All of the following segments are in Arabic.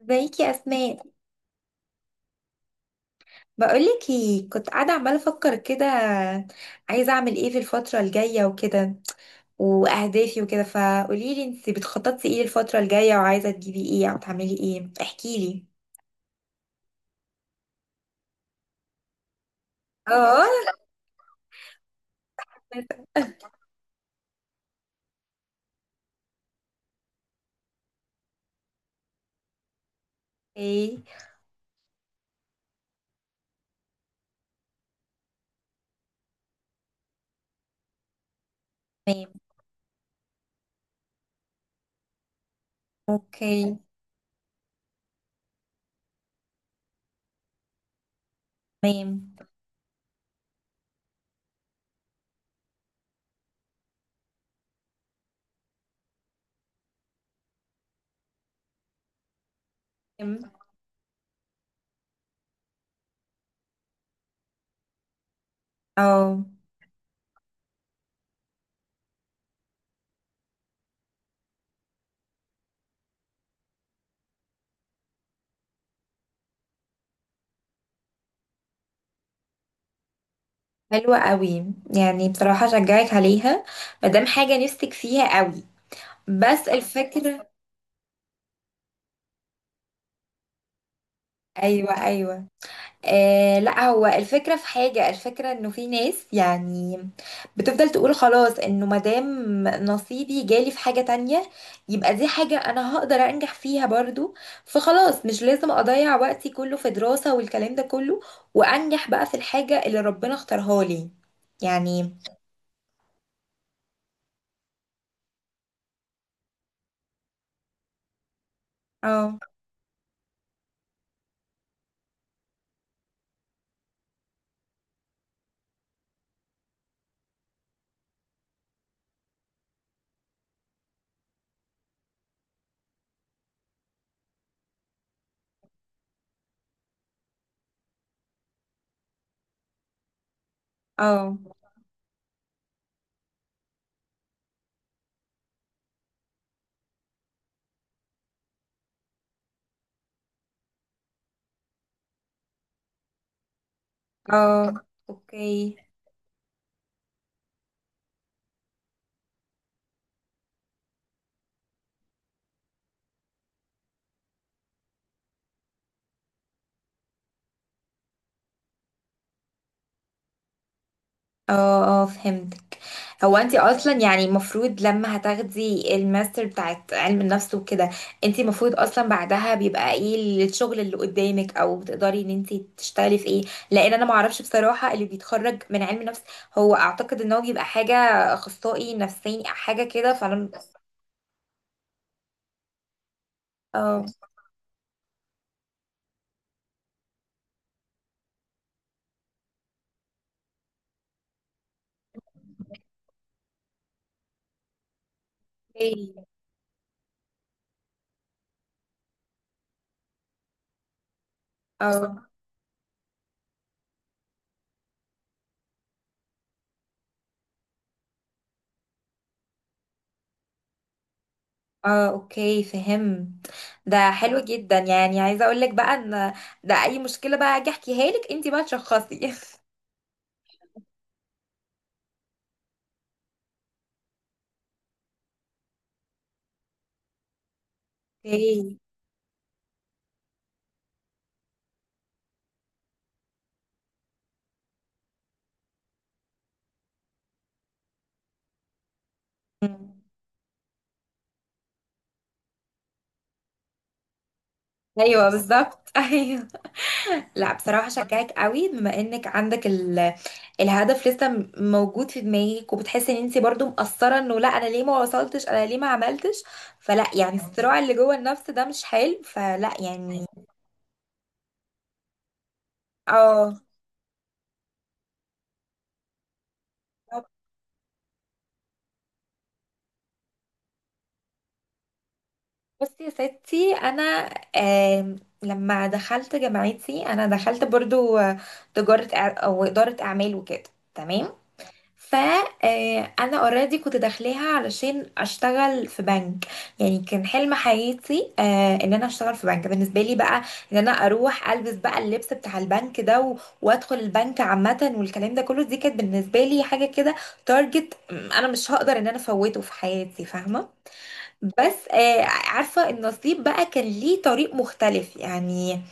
ازيك يا اسماء؟ بقولك ايه، كنت قاعده عماله افكر كده، عايزه اعمل ايه في الفتره الجايه وكده، واهدافي وكده. فقولي لي انت بتخططي ايه للفتره الجايه، وعايزه تجيبي ايه او تعملي ايه، احكي لي. اه. اوكي. تمام. اوكي. تمام. تمام. اه، حلوه قوي. يعني بصراحه اشجعك عليها، مادام حاجه نفسك فيها قوي. بس الفكره... ايوه، ايوه. لا، هو الفكرة في حاجة، الفكرة انه في ناس يعني بتفضل تقول خلاص انه مادام نصيبي جالي في حاجة تانية، يبقى دي حاجة انا هقدر انجح فيها برضو. فخلاص مش لازم اضيع وقتي كله في دراسة والكلام ده كله، وانجح بقى في الحاجة اللي ربنا اختارها لي يعني. اه. اه. اه. اوكي. اه، اه، فهمت. هو انت اصلا يعني المفروض لما هتاخدي الماستر بتاعت علم النفس وكده، انت المفروض اصلا بعدها بيبقى ايه الشغل اللي قدامك، او بتقدري ان انت تشتغلي في ايه. لان انا ما اعرفش بصراحة اللي بيتخرج من علم النفس، هو اعتقد ان هو بيبقى حاجة، اخصائي نفساني أو حاجة كده. فانا... اه. اوكي. اه. اه، اوكي، فهمت. ده حلو جدا. يعني عايزة اقول لك بقى ان ده اي مشكلة بقى اجي احكيها لك، انت بقى تشخصي. اوكي. ايوه بالظبط. ايوه. لا بصراحه شجعك قوي، بما انك عندك ال... الهدف لسه موجود في دماغك، وبتحسي ان انت برضو مقصره، انه لا انا ليه ما وصلتش، انا ليه ما عملتش. فلا يعني الصراع اللي جوه النفس ده مش حلو، فلا يعني. اه. بصي يا ستي، انا آم، لما دخلت جامعتي انا دخلت برضو تجاره او اداره اعمال وكده. تمام. فانا اوريدي كنت داخلاها علشان اشتغل في بنك. يعني كان حلم حياتي ان انا اشتغل في بنك. بالنسبه لي بقى، ان انا اروح البس بقى اللبس بتاع البنك ده وادخل البنك عامه والكلام ده كله. دي كانت بالنسبه لي حاجه كده تارجت انا مش هقدر ان انا افوته في حياتي، فاهمه. بس عارفه النصيب بقى كان ليه طريق مختلف يعني.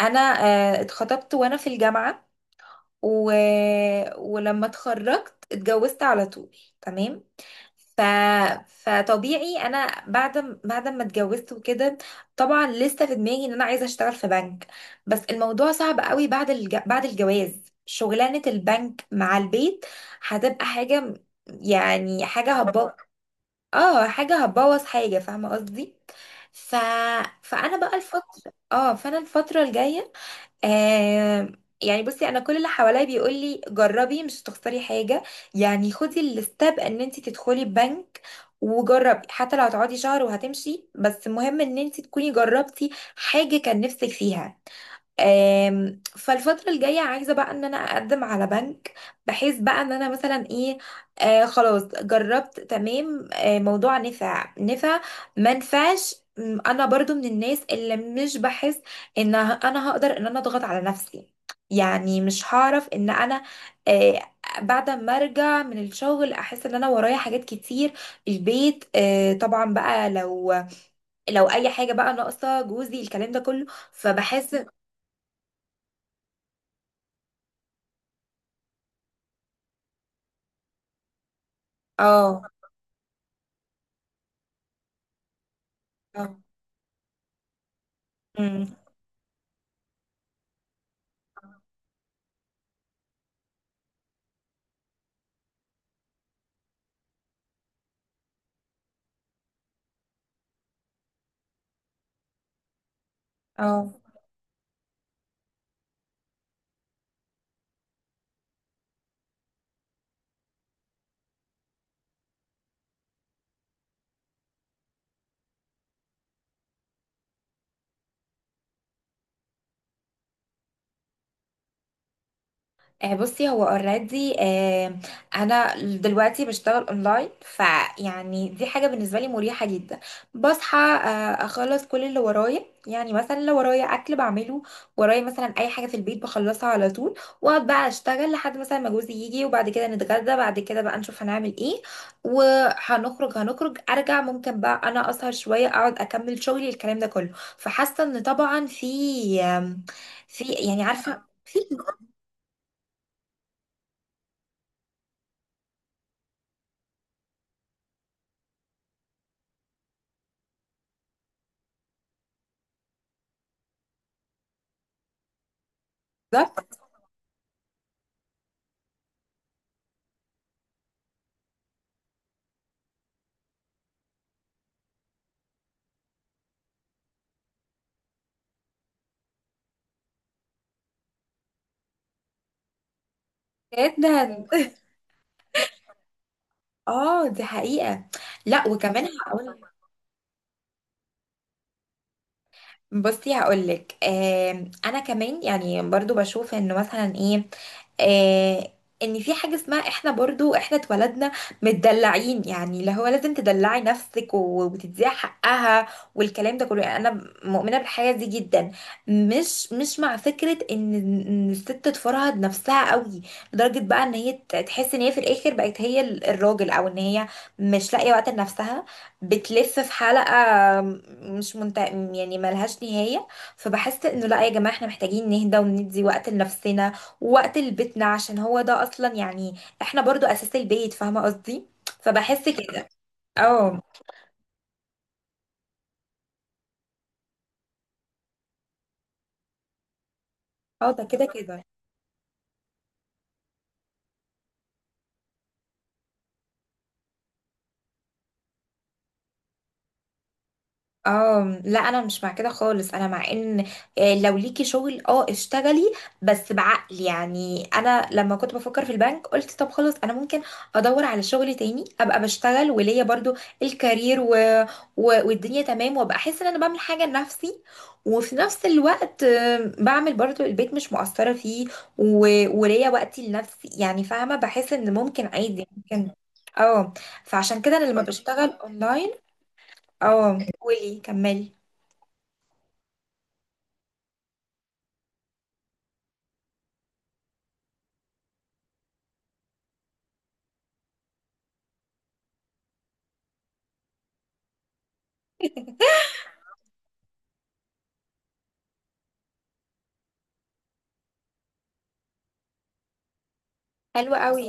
انا اتخطبت وانا في الجامعه و... ولما اتخرجت اتجوزت على طول. تمام. ف... فطبيعي انا بعد ما اتجوزت وكده، طبعا لسه في دماغي ان انا عايزه اشتغل في بنك. بس الموضوع صعب قوي بعد الجواز. شغلانه البنك مع البيت هتبقى يعني حاجه هتبوظ. اه، حاجه هتبوظ حاجه، فاهمه قصدي. ف... فانا الفتره الجايه آه يعني بصي، انا كل اللي حواليا بيقول لي جربي، مش هتخسري حاجه. يعني خدي الستاب ان انت تدخلي البنك وجربي، حتى لو هتقعدي شهر وهتمشي، بس مهم ان انت تكوني جربتي حاجه كان نفسك فيها. فالفترة الجاية عايزة بقى ان انا اقدم على بنك، بحيث بقى ان انا مثلا ايه، خلاص جربت تمام، موضوع نفع نفع ما نفعش. انا برضو من الناس اللي مش بحس ان انا هقدر ان انا اضغط على نفسي. يعني مش هعرف ان انا آه بعد ما ارجع من الشغل احس ان انا ورايا حاجات كتير. البيت طبعا بقى، لو اي حاجة بقى ناقصة جوزي، الكلام ده كله، فبحس. اه. اه. امم. اه. بصي هو اوريدي انا دلوقتي بشتغل اونلاين، فيعني دي حاجه بالنسبه لي مريحه جدا. بصحى اخلص كل اللي ورايا، يعني مثلا لو ورايا اكل بعمله، ورايا مثلا اي حاجه في البيت بخلصها على طول. واقعد بقى اشتغل لحد مثلا ما جوزي يجي، وبعد كده نتغدى، بعد كده بقى نشوف هنعمل ايه وهنخرج. ارجع، ممكن بقى انا اسهر شويه اقعد اكمل شغلي، الكلام ده كله. فحاسه ان طبعا في، آم، في يعني عارفه في. جدا. اه، دي حقيقة. لا، وكمان هقول. بصي هقولك، انا كمان يعني برضو بشوف انه مثلا ايه، آه ان في حاجة اسمها، احنا برضو احنا اتولدنا متدلعين، يعني اللي هو لازم تدلعي نفسك وتديها حقها، والكلام ده كله. يعني انا مؤمنة بالحاجة دي جدا. مش مع فكرة إن الست تفرهد نفسها قوي، لدرجة بقى ان هي تحس ان هي في الاخر بقت هي الراجل، او ان هي مش لاقية وقت لنفسها، بتلف في حلقة مش منت... يعني ملهاش نهاية. فبحس انه لا يا جماعة، احنا محتاجين نهدى وندي وقت لنفسنا ووقت لبيتنا، عشان هو ده اصلا يعني، احنا برضو اساس البيت، فاهمة قصدي. فبحس كده. اه. اه، ده كده كده. اه لا، انا مش مع كده خالص. انا مع ان لو ليكي شغل اه اشتغلي، بس بعقل. يعني انا لما كنت بفكر في البنك قلت طب خلاص، انا ممكن ادور على شغل تاني، ابقى بشتغل وليا برضو الكارير، والدنيا تمام، وابقى احس ان انا بعمل حاجة لنفسي، وفي نفس الوقت بعمل برضو البيت مش مقصرة فيه، و... وليا وقتي لنفسي يعني، فاهمة، بحس ان ممكن عادي ممكن. اه. فعشان كده انا لما بشتغل اونلاين. اه قولي، كملي. حلو قوي.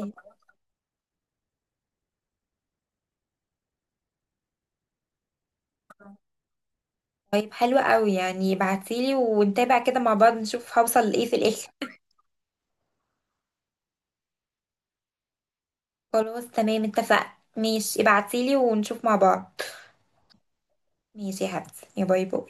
طيب حلو قوي، يعني ابعتيلي ونتابع كده مع بعض نشوف هوصل لايه في الاخر. خلاص تمام، اتفقنا، ماشي، ابعتيلي ونشوف مع بعض. ماشي يا حبيبتي، يا باي باي.